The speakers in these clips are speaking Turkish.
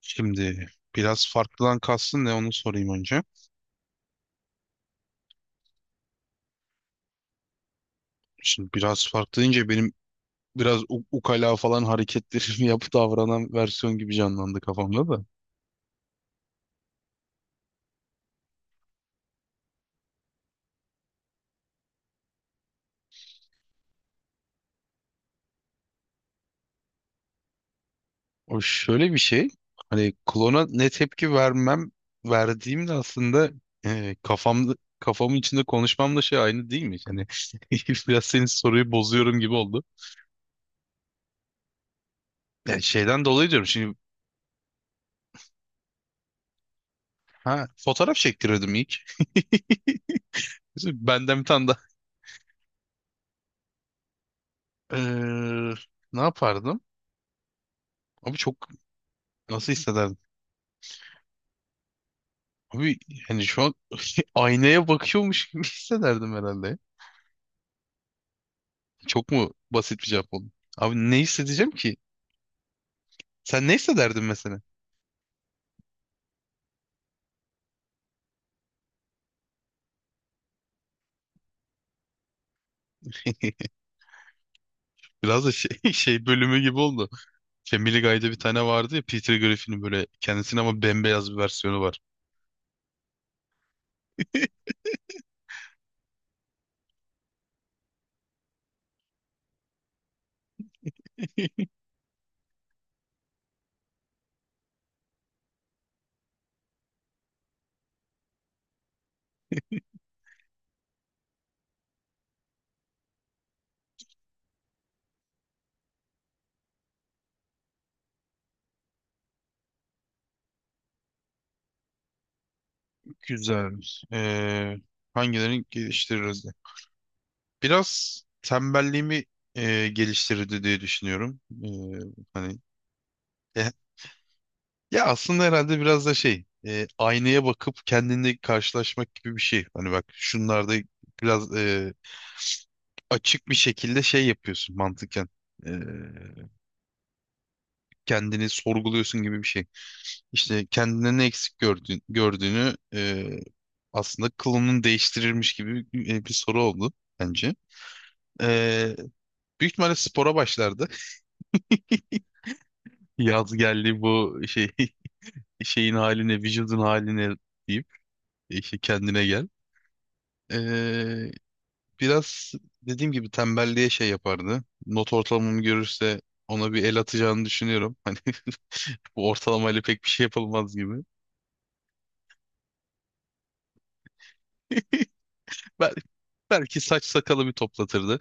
Şimdi biraz farklıdan kastın ne onu sorayım önce. Şimdi biraz farklı deyince benim biraz ukala falan hareketlerimi yapıp davranan versiyon gibi canlandı kafamda da. O şöyle bir şey. Hani klona ne tepki verdiğimde aslında kafamda kafamın içinde konuşmamla şey aynı değil mi? Hani biraz senin soruyu bozuyorum gibi oldu. Yani şeyden dolayı diyorum şimdi ha fotoğraf çektirirdim ilk. Benden bir tane daha. Eee, ne yapardım? Abi çok nasıl hissederdim? Abi yani şu an aynaya bakıyormuş gibi hissederdim herhalde. Çok mu basit bir cevap oldu? Abi ne hissedeceğim ki? Sen ne hissederdin mesela? Biraz da şey, şey bölümü gibi oldu. Family Guy'da bir tane vardı ya Peter Griffin'in böyle kendisine ama bembeyaz bir versiyonu var. Güzelmiş. Hangilerini geliştiririz diye. Biraz tembelliğimi geliştirirdi diye düşünüyorum. Hani eh, Ya aslında herhalde biraz da şey, aynaya bakıp kendini karşılaşmak gibi bir şey. Hani bak şunlarda biraz açık bir şekilde şey yapıyorsun mantıken. E, Kendini sorguluyorsun gibi bir şey. İşte kendine ne eksik gördüğün, gördüğünü aslında kılının değiştirilmiş gibi bir soru oldu bence. E, Büyük ihtimalle spora başlardı. Yaz geldi bu şey şeyin haline, vücudun haline deyip işte kendine gel. E, Biraz dediğim gibi tembelliğe şey yapardı. Not ortalamamı görürse ona bir el atacağını düşünüyorum. Hani bu ortalamayla pek bir şey yapılmaz gibi. Bel belki saç sakalı bir toplatırdı.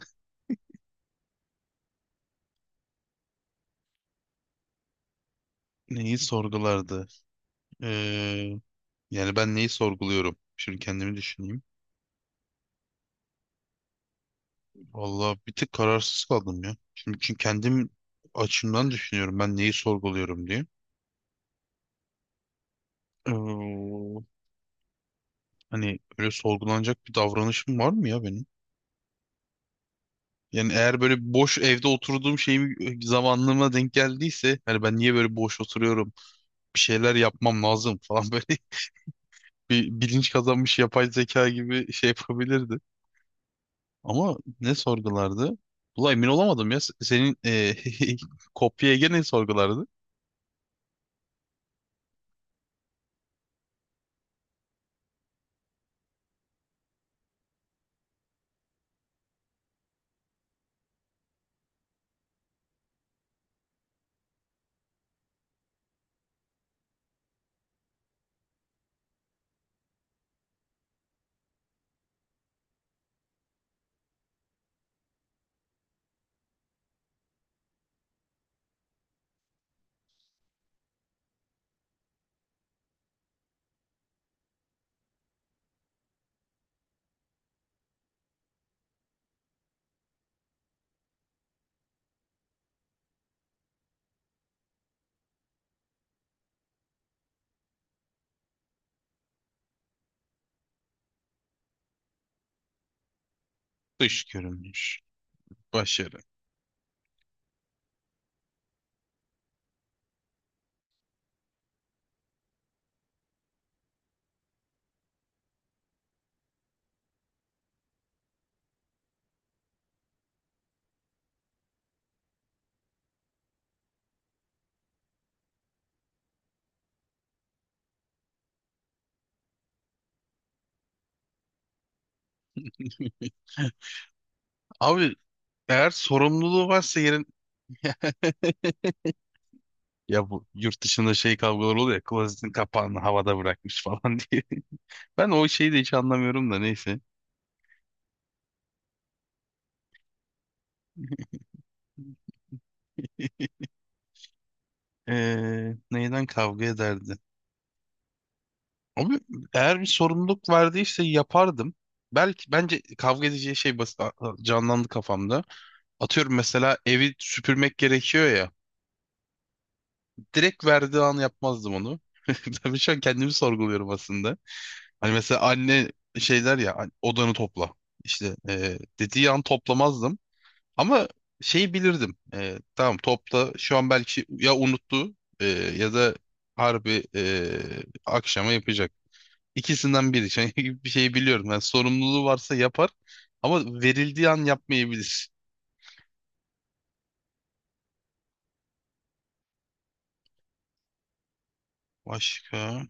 Neyi sorgulardı? Ee, yani ben neyi sorguluyorum? Şimdi kendimi düşüneyim. Vallahi bir tık kararsız kaldım ya. Şimdi çünkü kendim açımdan düşünüyorum ben neyi sorguluyorum diye. Ee, hani öyle sorgulanacak bir davranışım var mı ya benim? Yani eğer böyle boş evde oturduğum şeyim zamanlığıma denk geldiyse hani ben niye böyle boş oturuyorum bir şeyler yapmam lazım falan böyle bir bilinç kazanmış yapay zeka gibi şey yapabilirdi. Ama ne sorgulardı? Ulan emin olamadım ya. Senin kopya Ege ne sorgulardı? Dış görünmüş başarı. Abi eğer sorumluluğu varsa yerin ya bu yurt dışında şey kavgaları oluyor ya klozetin kapağını havada bırakmış falan diye. Ben o şeyi de hiç anlamıyorum da neyse. Neyden kavga ederdi? Abi eğer bir sorumluluk verdiyse yapardım. Belki bence kavga edeceği şey basit canlandı kafamda. Atıyorum mesela evi süpürmek gerekiyor ya. Direkt verdiği an yapmazdım onu. Tabii şu an kendimi sorguluyorum aslında. Hani mesela anne şeyler ya "An- odanı topla. İşte dediği an toplamazdım. Ama şeyi bilirdim. E, tamam topla. Şu an belki ya unuttu e, ya da harbi akşama yapacak. İkisinden biri. Çünkü bir şeyi biliyorum. Yani sorumluluğu varsa yapar ama verildiği an yapmayabilir. Başka?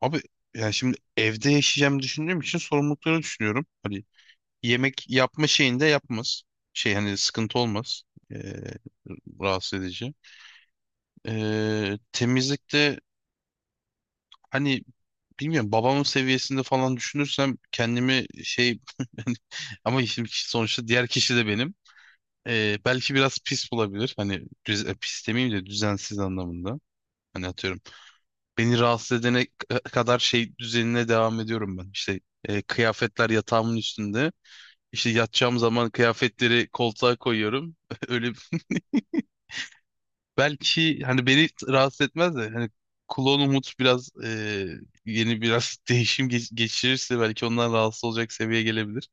Abi yani şimdi evde yaşayacağım düşündüğüm için sorumlulukları düşünüyorum. Hani yemek yapma şeyinde yapmaz. Şey hani sıkıntı olmaz. Ee, rahatsız edici. Temizlikte hani bilmiyorum babamın seviyesinde falan düşünürsem kendimi şey ama şimdi sonuçta diğer kişi de benim. Belki biraz pis bulabilir. Hani düz, pis demeyeyim de düzensiz anlamında. Hani atıyorum. Beni rahatsız edene kadar şey düzenine devam ediyorum ben. İşte kıyafetler yatağımın üstünde. İşte yatacağım zaman kıyafetleri koltuğa koyuyorum. Öyle belki hani beni rahatsız etmez de hani Kulon Umut biraz yeni biraz değişim geçirirse belki ondan rahatsız olacak seviyeye gelebilir.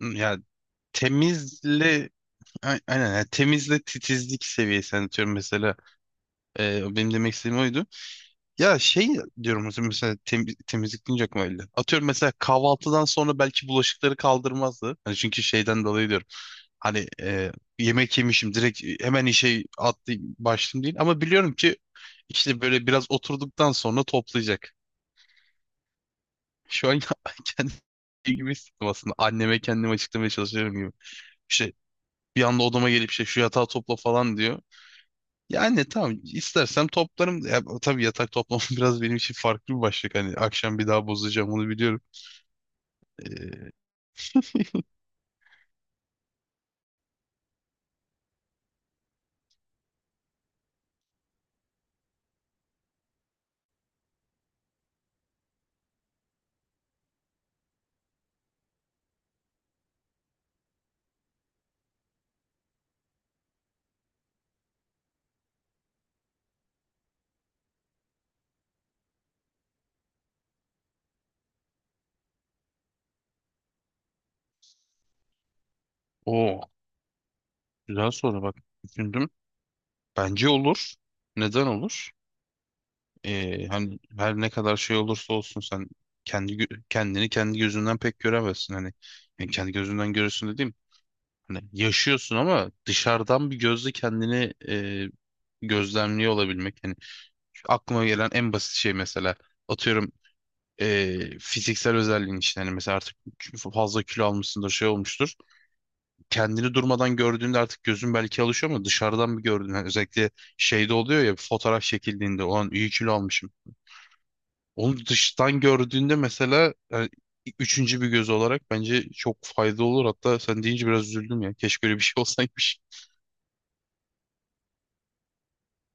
Yani temizle aynen yani temizle titizlik seviyesi anlatıyorum mesela. Benim demek istediğim oydu. Ya şey diyorum mesela, mesela temizlik deyince aklıma geldi. Atıyorum mesela kahvaltıdan sonra belki bulaşıkları kaldırmazdı. Hani çünkü şeyden dolayı diyorum. Hani yemek yemişim direkt hemen işe atlayayım başlayayım değil. Ama biliyorum ki işte böyle biraz oturduktan sonra toplayacak. Şu an kendi gibi hissettim aslında. Anneme kendimi açıklamaya çalışıyorum gibi. İşte bir anda odama gelip işte şu yatağı topla falan diyor. Yani tamam istersem toplarım. Ya, tabii yatak toplamam biraz benim için farklı bir başlık. Hani akşam bir daha bozacağım onu biliyorum. Ee, o güzel soru bak düşündüm. Bence olur. Neden olur? Hani her ne kadar şey olursa olsun sen kendi kendini kendi gözünden pek göremezsin. Hani yani kendi gözünden görürsün dediğim hani yaşıyorsun ama dışarıdan bir gözle kendini gözlemliyor olabilmek. Hani şu aklıma gelen en basit şey mesela atıyorum fiziksel özelliğin işte hani mesela artık fazla kilo almışsındır şey olmuştur. Kendini durmadan gördüğünde artık gözün belki alışıyor ama dışarıdan bir gördüğünde hani özellikle şeyde oluyor ya bir fotoğraf çekildiğinde olan iyi kilo almışım. Onu dıştan gördüğünde mesela yani üçüncü bir göz olarak bence çok faydalı olur. Hatta sen deyince biraz üzüldüm ya. Keşke öyle bir şey olsaymış.